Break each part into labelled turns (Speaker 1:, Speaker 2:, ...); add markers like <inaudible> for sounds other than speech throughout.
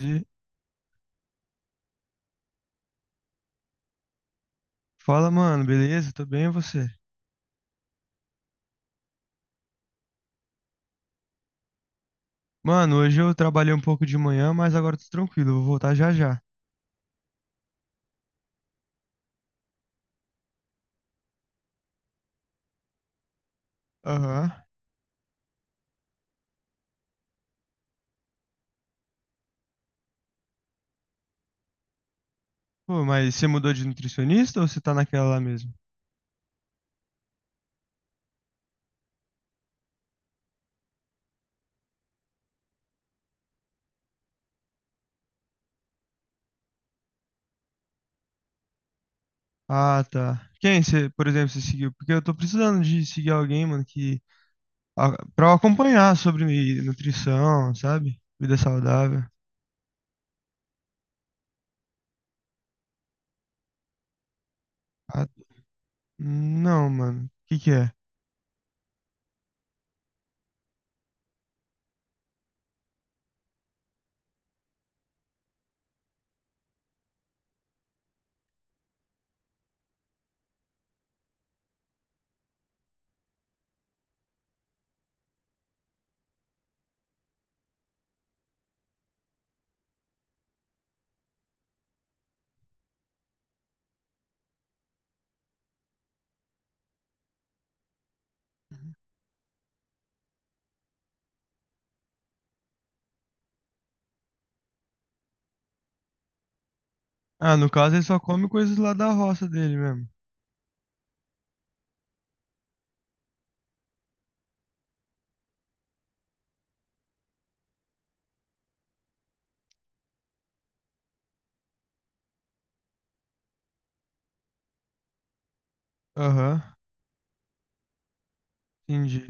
Speaker 1: E fala, mano, beleza? Tô bem, e você? Mano, hoje eu trabalhei um pouco de manhã, mas agora tô tranquilo, vou voltar já já. Aham. Pô, mas você mudou de nutricionista ou você tá naquela lá mesmo? Ah, tá. Quem você, por exemplo, você seguiu? Porque eu tô precisando de seguir alguém, mano, que pra eu acompanhar sobre nutrição, sabe? Vida saudável. Ah, não, mano. O que que é? Ah, no caso ele só come coisas lá da roça dele mesmo. Aham, entendi.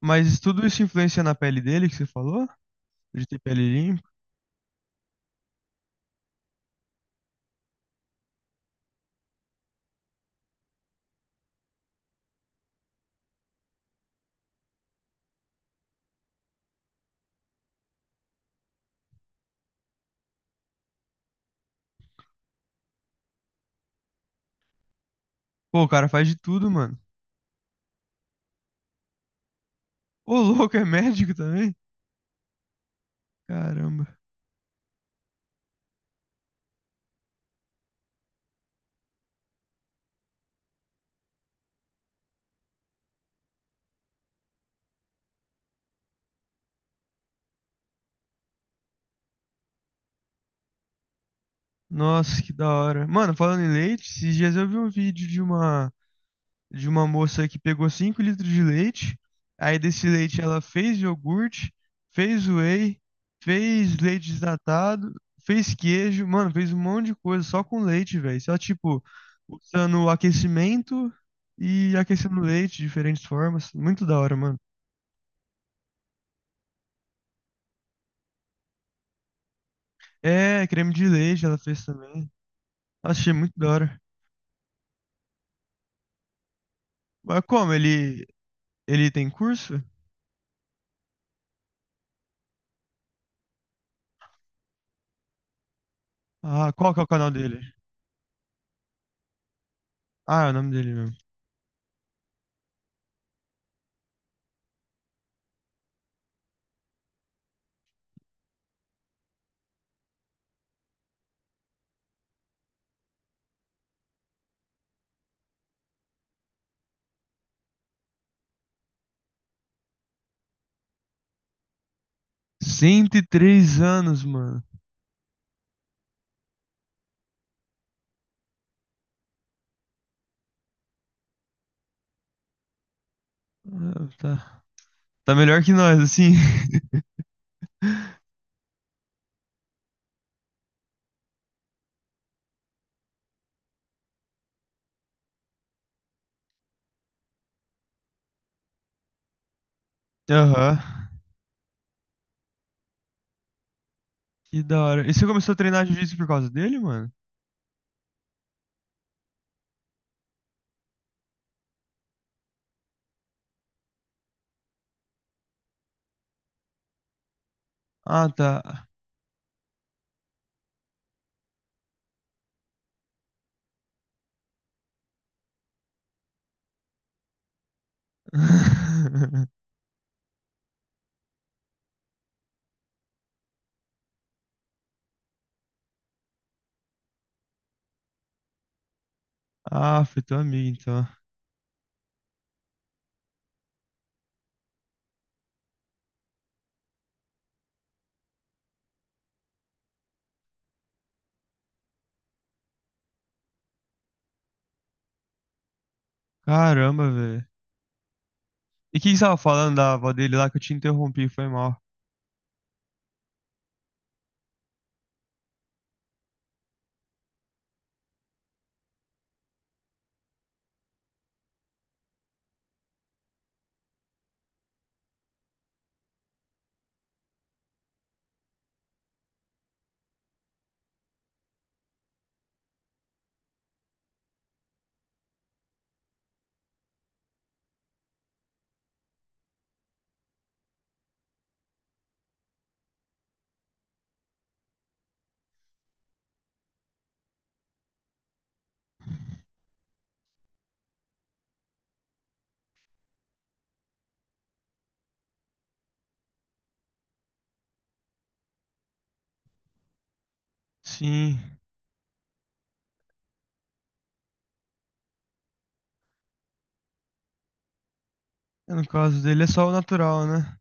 Speaker 1: Mas tudo isso influencia na pele dele que você falou? De ter pele limpa. Pô, o cara faz de tudo, mano. Ô, louco, é médico também? Caramba. Nossa, que da hora. Mano, falando em leite, esses dias eu vi um vídeo de uma moça que pegou 5 litros de leite. Aí desse leite ela fez iogurte, fez whey, fez leite desnatado, fez queijo, mano, fez um monte de coisa só com leite, velho. Só tipo usando aquecimento e aquecendo leite de diferentes formas. Muito da hora, mano. É, creme de leite ela fez também. Achei muito da hora. Mas como? Ele tem curso? Ah, qual que é o canal dele? Ah, é o nome dele mesmo. 103 anos, mano. Ah, tá. Tá melhor que nós, assim. <laughs> Aham. Que da hora. E você começou a treinar jiu-jitsu por causa dele, mano? Ah, tá. <laughs> Ah, foi teu amigo, então. Caramba, velho. E o que que você tava falando da avó dele lá que eu te interrompi, foi mal. Sim. É, no caso dele é só o natural, né?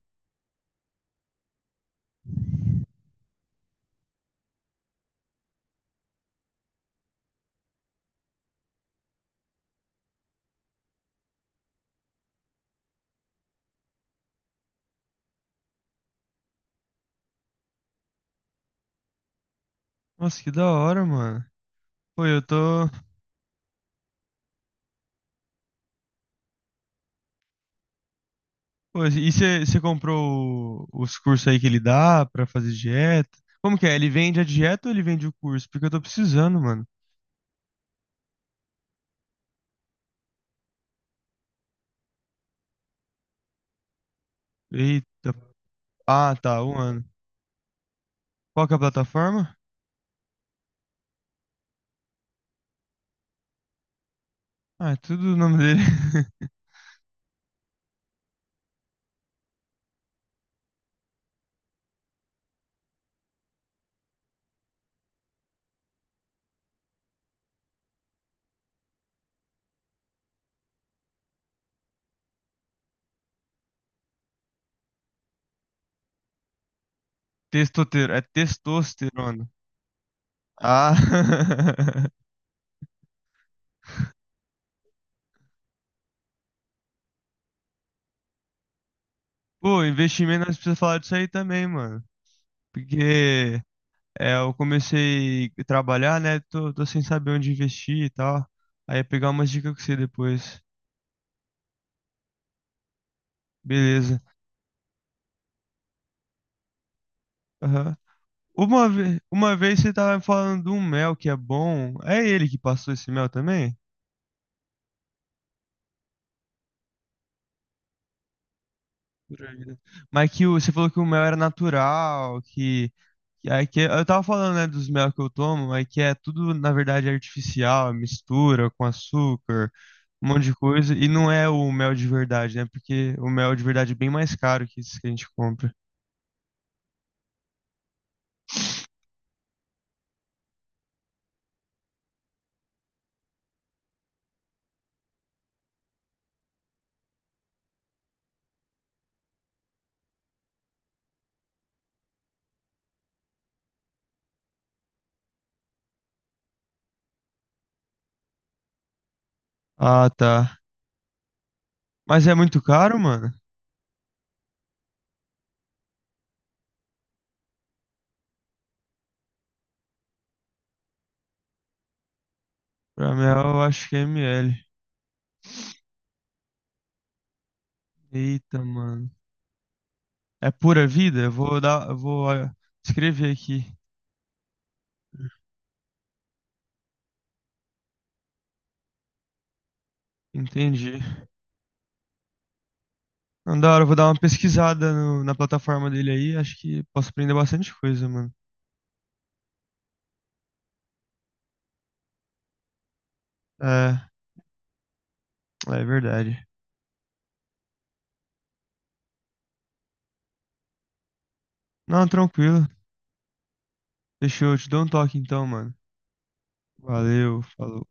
Speaker 1: Nossa, que da hora, mano. Pô, eu tô. Pô, e você comprou os cursos aí que ele dá pra fazer dieta? Como que é? Ele vende a dieta ou ele vende o curso? Porque eu tô precisando, mano. Eita. Ah, tá, um ano. Qual que é a plataforma? Ah, é tudo o nome dele. <laughs> Testosterona. É testosterona. Ah. <laughs> Pô, investimento, nós precisamos falar disso aí também, mano. Porque é, eu comecei a trabalhar, né? Tô sem saber onde investir e tal. Aí é pegar umas dicas com você depois. Beleza. Aham. Uma vez você tava me falando de um mel que é bom. É ele que passou esse mel também? Por aí, né? Mas você falou que o mel era natural, eu tava falando, né, dos mel que eu tomo, aí que é tudo, na verdade, artificial, mistura com açúcar, um monte de coisa, e não é o mel de verdade, né? Porque o mel de verdade é bem mais caro que esse que a gente compra. Ah, tá. Mas é muito caro, mano? Pra mel, eu acho que é ml. Eita, mano. É pura vida? Eu vou escrever aqui. Entendi. Não, da hora, eu vou dar uma pesquisada na plataforma dele aí. Acho que posso aprender bastante coisa, mano. É, é verdade. Não, tranquilo. Deixa eu te dar um toque então, mano. Valeu, falou.